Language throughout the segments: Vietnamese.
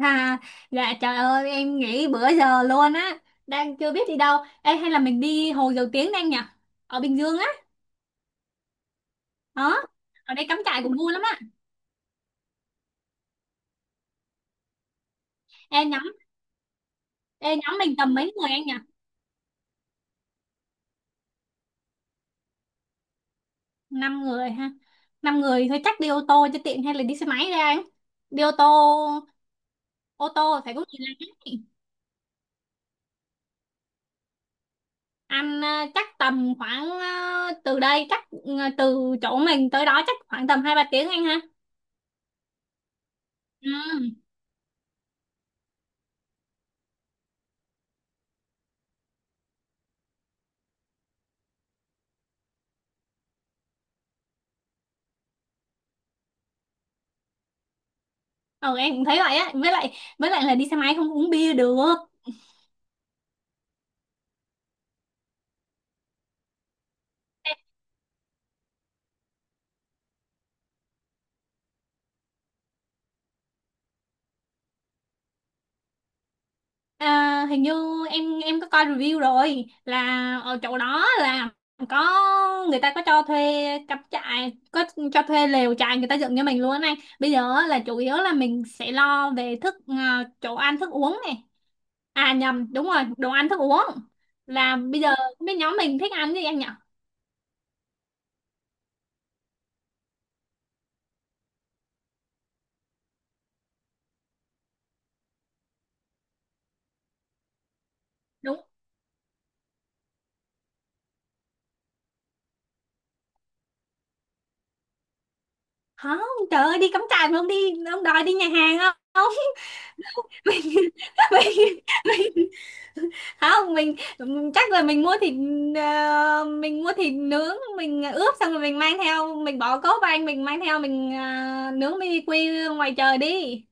À, dạ trời ơi em nghỉ bữa giờ luôn á, đang chưa biết đi đâu. Ê, hay là mình đi Hồ Dầu Tiếng đang nhỉ, ở Bình Dương á. Đó, ở đây cắm trại cũng vui lắm á. Ê nhóm, nhóm mình tầm mấy người anh nhỉ? Năm người ha? Năm người thôi chắc đi ô tô cho tiện hay là đi xe máy ra anh? Đi ô tô, ô tô phải có người lái. Anh à, chắc tầm khoảng từ đây chắc từ chỗ mình tới đó chắc khoảng tầm hai ba tiếng anh ha. Ừ. Ừ, em cũng thấy vậy á, với lại là đi xe máy không uống bia được. Ê, à, hình như em có coi review rồi, là ở chỗ đó là có người ta có cho thuê cắm trại, có cho thuê lều trại người ta dựng cho mình luôn á anh. Bây giờ á, là chủ yếu là mình sẽ lo về thức chỗ ăn thức uống này, à nhầm, đúng rồi, đồ ăn thức uống. Là bây giờ không biết nhóm mình thích ăn gì anh nhỉ? Đúng không, trời ơi đi cắm trại mà không đi, ông đòi đi nhà hàng không? Mình, mình, không mình chắc là mình mua thịt. Mình mua thịt nướng, mình ướp xong rồi mình mang theo, mình bỏ cốt vào anh, mình mang theo, mình nướng BBQ ngoài trời đi.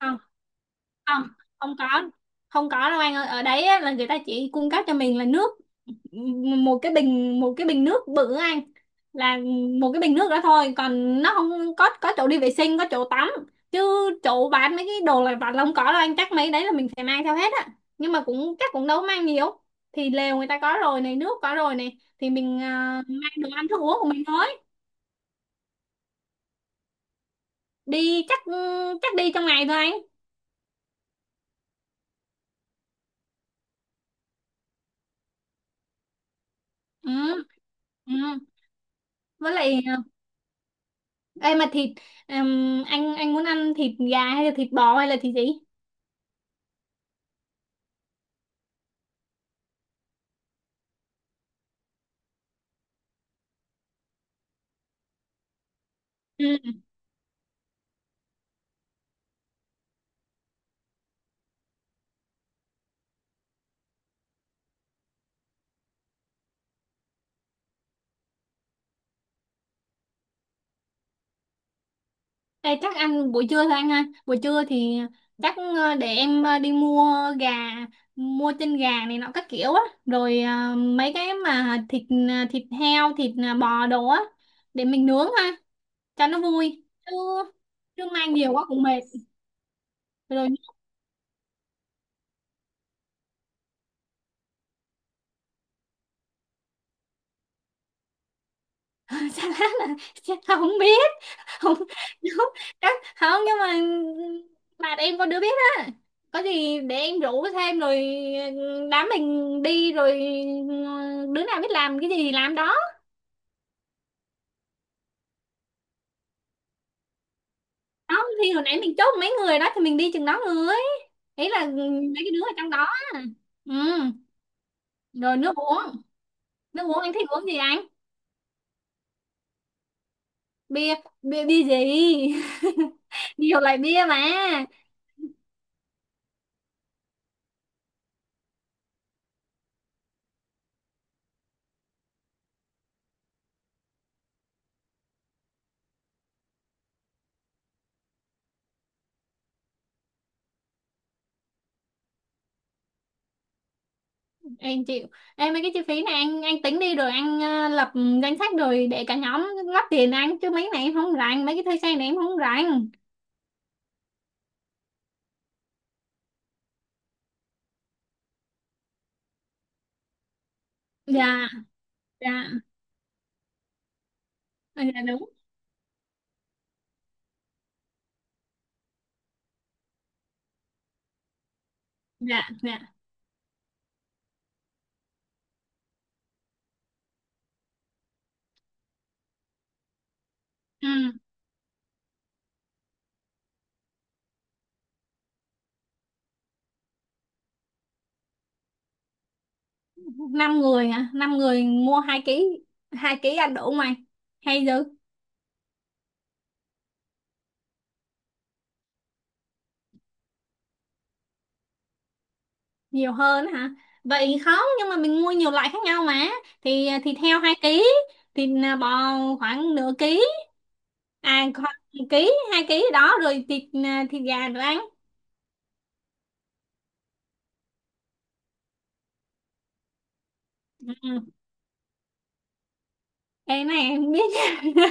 Không, không không có, không có đâu anh ơi, ở đấy á, là người ta chỉ cung cấp cho mình là nước. Một cái bình, một cái bình nước bự á anh, là một cái bình nước đó thôi. Còn nó không có chỗ đi vệ sinh, có chỗ tắm, chứ chỗ bán mấy cái đồ lặt vặt là không có đâu anh, chắc mấy đấy là mình phải mang theo hết á. Nhưng mà cũng chắc cũng đâu mang nhiều, thì lều người ta có rồi này, nước có rồi này, thì mình mang đồ ăn thức uống của mình thôi. Đi chắc, chắc đi trong ngày thôi anh. Ừ. Ừ. Với lại ê mà thịt, anh muốn ăn thịt gà hay là thịt bò hay là thịt gì? Ừ. Ê, chắc ăn buổi trưa thôi anh ha. Buổi trưa thì chắc để em đi mua gà, mua chân gà này nọ các kiểu á, rồi mấy cái mà thịt, thịt heo, thịt bò đồ á, để mình nướng ha, cho nó vui. Chứ, chứ mang nhiều quá cũng mệt. Rồi. Salad là chắc không biết. Không, không. Đó, không, nhưng mà bạn em có đứa biết á, có gì để em rủ thêm rồi. Ừ, đám mình đi rồi, ừ, đứa nào biết làm cái gì thì làm đó. Không thì hồi nãy mình chốt mấy người đó thì mình đi chừng đó người, ý là ừ, mấy cái đứa ở trong đó. Ừ. Rồi, nước uống, nước uống anh thích uống gì anh? Bia, bia gì? Nhiều loại bia mà. Em chịu, em mấy cái chi phí này anh tính đi, rồi anh lập danh sách rồi để cả nhóm góp tiền anh, chứ mấy cái này em không rảnh, mấy cái thuê xe này em không rảnh. Dạ. Dạ. Ờ, dạ đúng. Dạ. Dạ. Ừ. Năm người hả? Năm người mua hai ký, hai ký ăn đủ không anh, hay dư? Nhiều hơn hả? Vậy không, nhưng mà mình mua nhiều loại khác nhau mà, thì theo hai ký, thì là bò khoảng nửa ký, à khoảng ký hai ký đó, rồi thịt, thịt gà nữa anh. Ừ. Ê, cái này em không biết nha.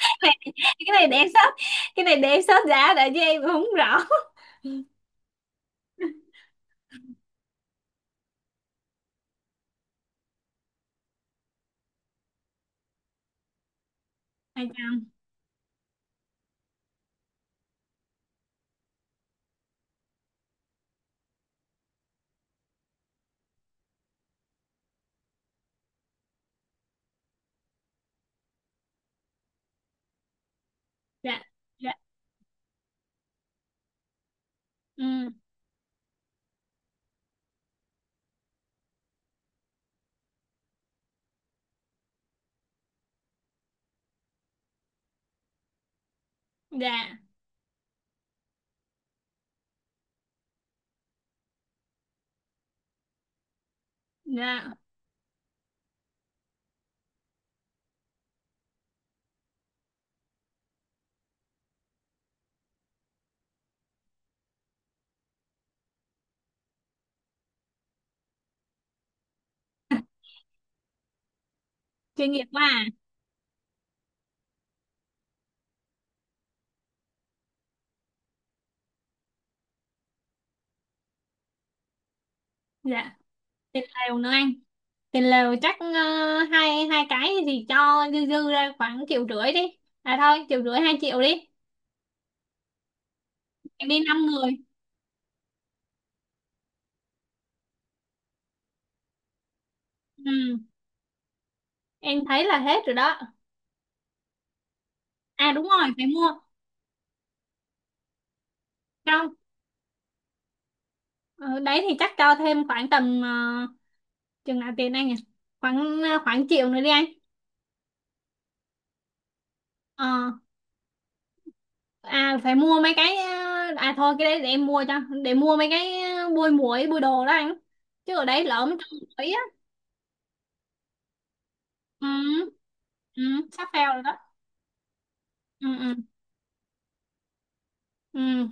Cái này, cái này để em sót cái này để em sót giá đã chứ em không rõ. Hai trăm. Dạ. Dạ. Ừ. Dạ. Dạ. Chuyên nghiệp quá à. Dạ. Tiền lều nữa anh, tiền lều chắc hai hai cái thì cho dư dư ra khoảng triệu rưỡi đi, à thôi triệu rưỡi hai triệu đi. Em đi năm người. Ừ, em thấy là hết rồi đó. À đúng rồi, phải mua. Không, ờ, đấy thì chắc cho thêm khoảng tầm chừng nào tiền anh nhỉ, khoảng khoảng triệu nữa đi anh. Ờ. À phải mua mấy cái à, à thôi cái đấy để em mua cho, để mua mấy cái bôi muối bôi đồ đó anh, chứ ở đấy lỡ mới cho muối á. Ừ. Ừ. Sắp fail rồi đó. Ừ. Ừ. Ừ.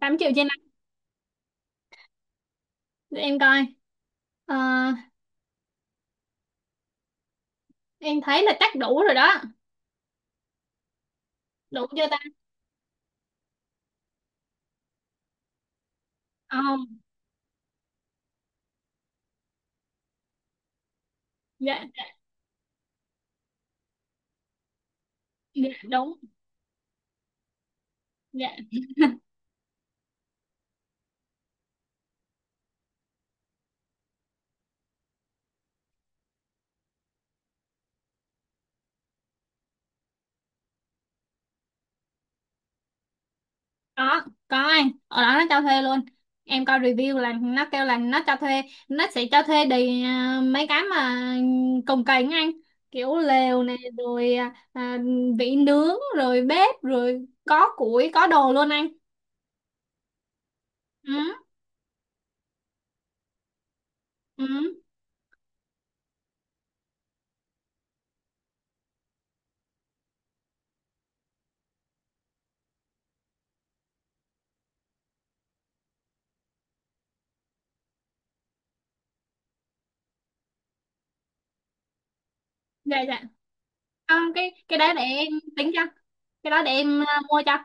tám triệu trên năm. Để em coi. Ờ, em thấy là chắc đủ rồi đó. Đủ chưa ta? Không. Dạ. Dạ. Dạ, đúng. Dạ. có có anh, ở đó nó cho thuê luôn. Em coi review là nó kêu là nó cho thuê, nó sẽ cho thuê đầy à, mấy cái mà cồng kềnh anh, kiểu lều này rồi à, vỉ nướng rồi bếp rồi có củi có đồ luôn anh. Ừ. Ừ. Dạ. Dạ. Không, cái đó để em tính cho, cái đó để em mua cho.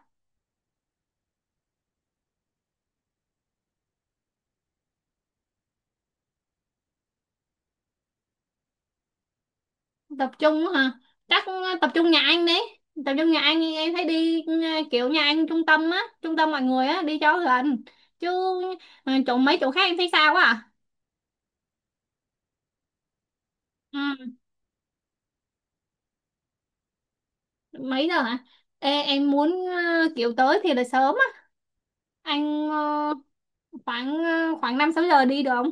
Tập trung á hả? Chắc tập trung nhà anh đi. Tập trung nhà anh đi, em thấy đi ừ, kiểu nhà anh trung tâm á, trung tâm mọi người á, đi cho gần, chứ ừ, chỗ mấy chỗ khác em thấy sao quá. À. Ừ. Mấy giờ hả? Ê, em muốn kiểu tới thì là sớm á anh, khoảng khoảng năm sáu giờ đi được không?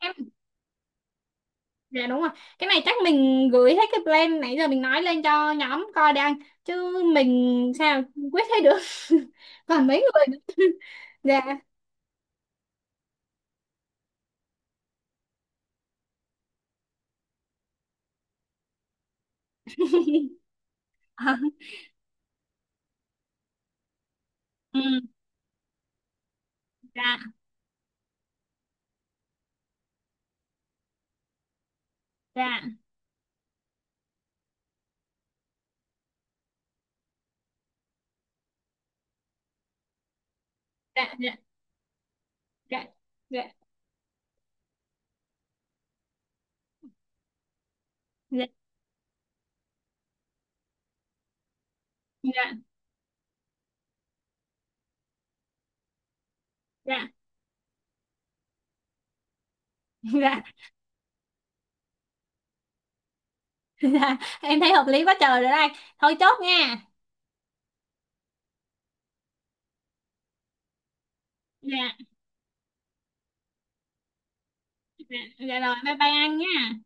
Dạ. Dạ đúng rồi. Cái này chắc mình gửi hết cái plan nãy giờ mình nói lên cho nhóm coi đang, chứ mình sao quyết thấy được. Còn mấy người nữa. Dạ. Ờ. Ừ. Dạ. Dạ. Dạ. Dạ. Dạ. Dạ. Dạ. Dạ. Dạ. Dạ. Dạ. Em thấy hợp lý quá trời rồi đây. Thôi chốt nha. Dạ. Dạ. Dạ rồi, bye bye anh nha.